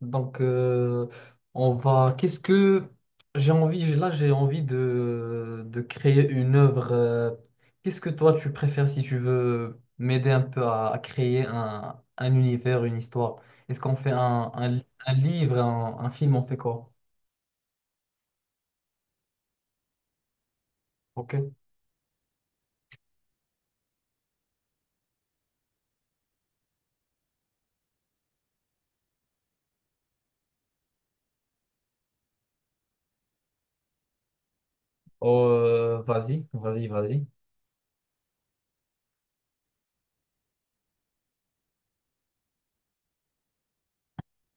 Donc, euh, on va. Qu'est-ce que j'ai envie? Là, j'ai envie de créer une œuvre. Qu'est-ce que toi, tu préfères si tu veux m'aider un peu à créer un univers, une histoire? Est-ce qu'on fait un livre, un film, on fait quoi? Ok. Oh, vas-y, vas-y, vas-y.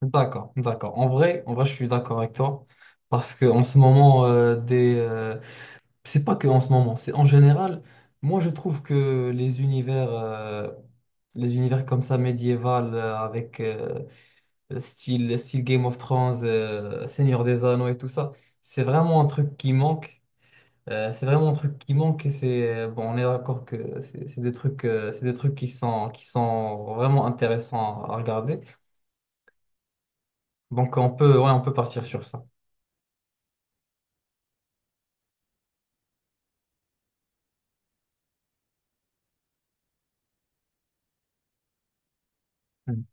D'accord, d'accord. En vrai, je suis d'accord avec toi parce que en ce moment, c'est pas que en ce moment, c'est en général. Moi, je trouve que les univers comme ça médiéval, avec style Game of Thrones, Seigneur des Anneaux et tout ça, c'est vraiment un truc qui manque. C'est vraiment un truc qui manque et c'est bon, on est d'accord que c'est des trucs, c'est des trucs qui sont vraiment intéressants à regarder. Donc on peut, ouais, on peut partir sur ça. Mm.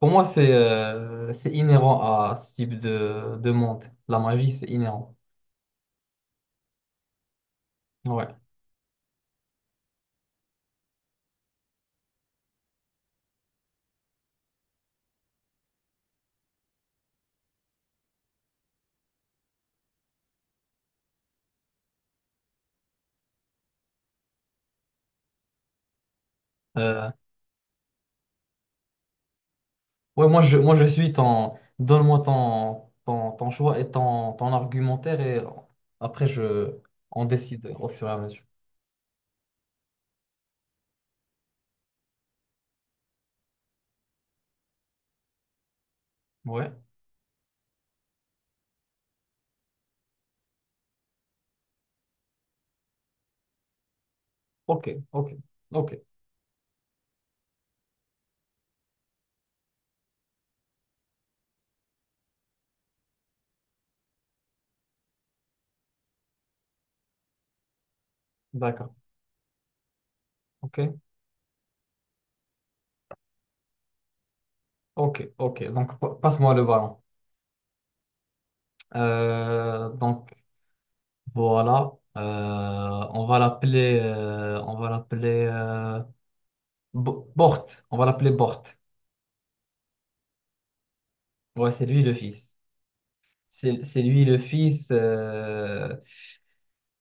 Pour moi, c'est inhérent à ce type de monde. La magie, c'est inhérent. Ouais. Euh, ouais, moi je suis ton. Donne-moi ton choix et ton argumentaire et après je on décide au fur et à mesure. Ouais. Ok, ok, ok. D'accord. Ok, ok, ok. Donc passe-moi le ballon. Euh, donc voilà. On va l'appeler Bort. On va l'appeler Bort. Ouais, c'est lui le fils. C'est lui le fils.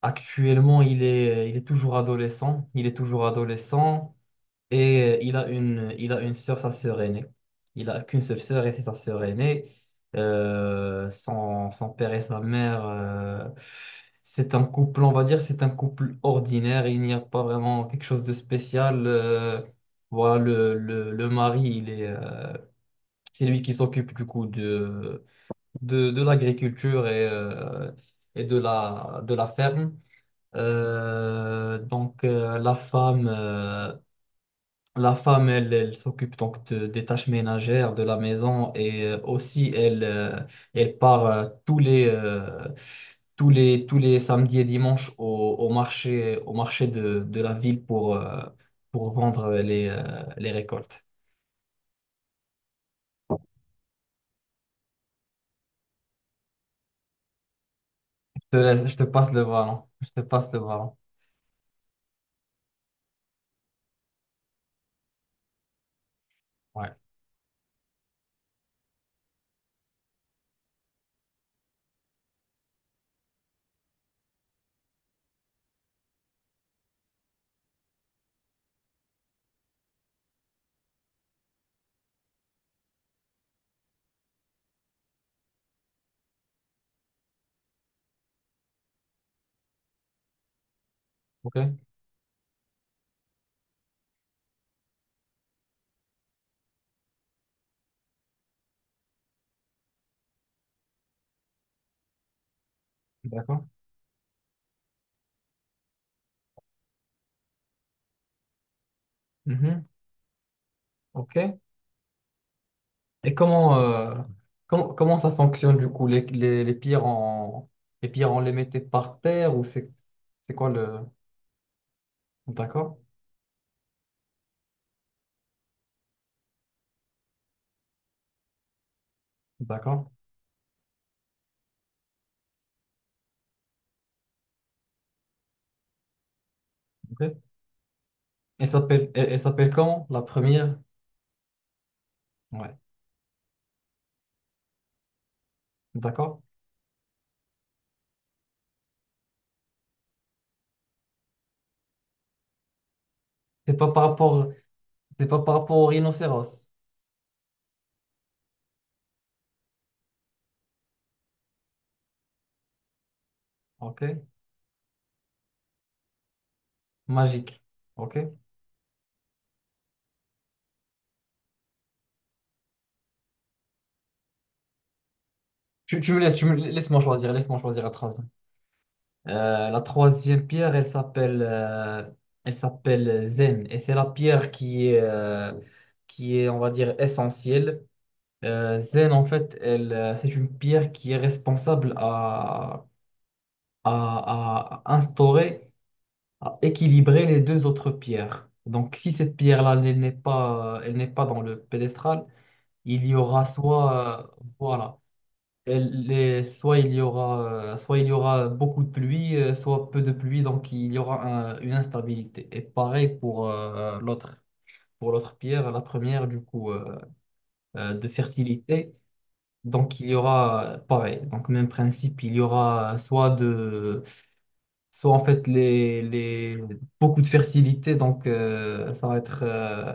Actuellement, il est toujours adolescent. Il est toujours adolescent et il a une sœur, sa sœur aînée. Il a qu'une seule sœur et c'est sa sœur aînée. Son père et sa mère, c'est un couple, on va dire, c'est un couple ordinaire. Il n'y a pas vraiment quelque chose de spécial. Le mari, c'est lui qui s'occupe du coup de l'agriculture et de de la ferme. Euh, donc euh, la femme, euh, la femme, elle s'occupe donc des tâches ménagères de la maison et aussi elle part tous les samedis et dimanches au marché de la ville pour vendre les récoltes. Je te passe le ballon. Je te passe le ballon. Ouais. Ok. D'accord. Mhm. Ok. Et comment ça fonctionne du coup? Les pierres, les pierres, on les mettait par terre ou c'est quoi le... D'accord, d'accord, ok. Elle s'appelle comment? La première? Ouais, d'accord. C'est pas par rapport, c'est pas par rapport au rhinocéros, ok? Magique, ok? Tu me laisses, tu me, laisse-moi choisir la trace. La troisième pierre, elle s'appelle Zen. Et c'est la pierre qui est, on va dire, essentielle. Zen, en fait, elle, c'est une pierre qui est responsable à instaurer, à équilibrer les deux autres pierres. Donc, si cette pierre-là, elle n'est pas dans le pédestral, il y aura soit, voilà, elle est- soit il y aura, soit il y aura beaucoup de pluie, soit peu de pluie, donc il y aura une instabilité. Et pareil pour pour l'autre pierre, la première du coup de fertilité. Donc il y aura pareil, donc même principe, il y aura soit de, soit en fait les beaucoup de fertilité, donc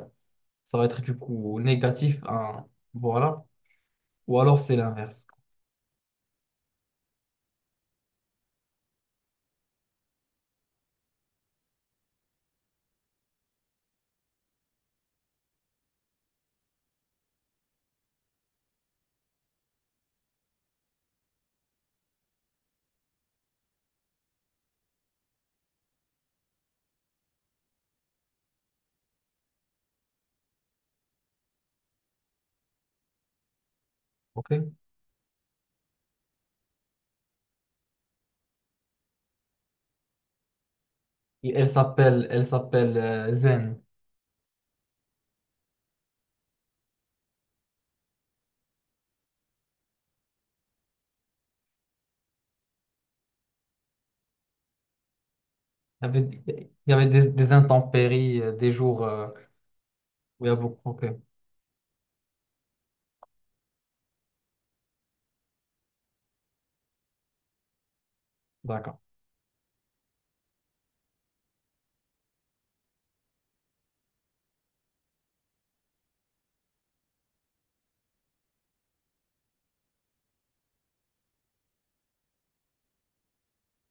ça va être du coup négatif, hein, voilà. Ou alors c'est l'inverse, ok? Et elle s'appelle Zen. Il y avait, il y avait des intempéries, des jours où il y a beaucoup. Ok, d'accord.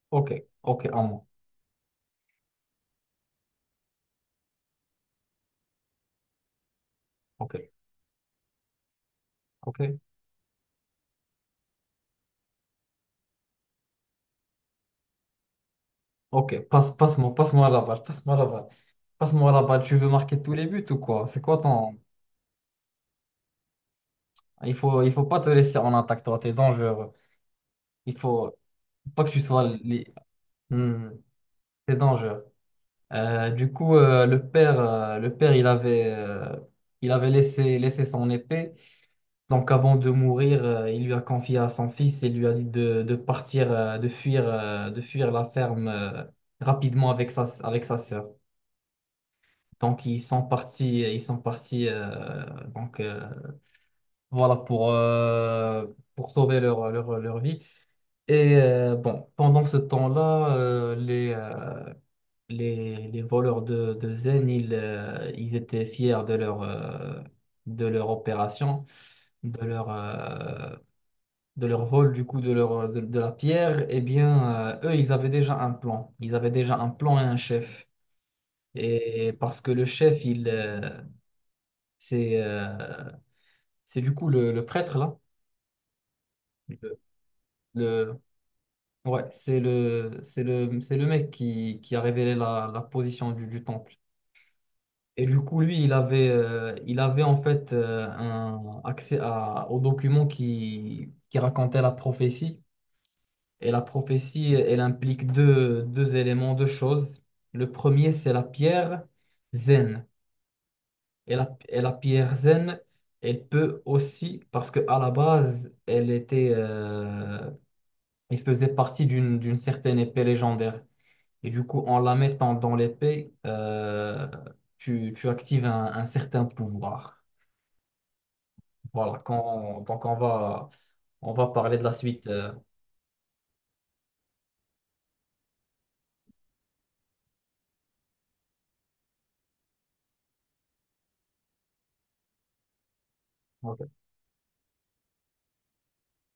Ok, ok, à moi. Ok, ok, ok. Passe-moi la balle, passe-moi la balle. Passe-moi la balle. Tu veux marquer tous les buts ou quoi? C'est quoi ton. Il faut pas te laisser en attaque, toi. T'es dangereux. Il faut pas que tu sois. Hmm, t'es dangereux. Le père, il avait laissé son épée. Donc avant de mourir, il lui a confié à son fils et lui a dit de partir, de fuir la ferme rapidement avec sa sœur. Donc ils sont partis, ils sont partis. Donc euh, voilà pour sauver leur vie. Bon, pendant ce temps-là, les voleurs de Zen, ils étaient fiers de leur opération, de leur euh, de leur vol du coup de leur de la pierre, eh bien eux ils avaient déjà un plan. Ils avaient déjà un plan et un chef. Et parce que le chef il c'est euh, c'est du coup le prêtre là. Le, le- ouais c'est le c'est le c'est le mec qui a révélé la position du temple. Et du coup lui il avait en fait un accès à, aux documents qui racontaient la prophétie. Et la prophétie, elle implique deux éléments, deux choses. Le premier, c'est la pierre zen. Et et la pierre zen, elle peut aussi, parce que à la base, elle faisait partie d'une certaine épée légendaire. Et du coup, en la mettant dans l'épée, tu actives un certain pouvoir. Voilà, quand, donc on va parler de la suite. Ok.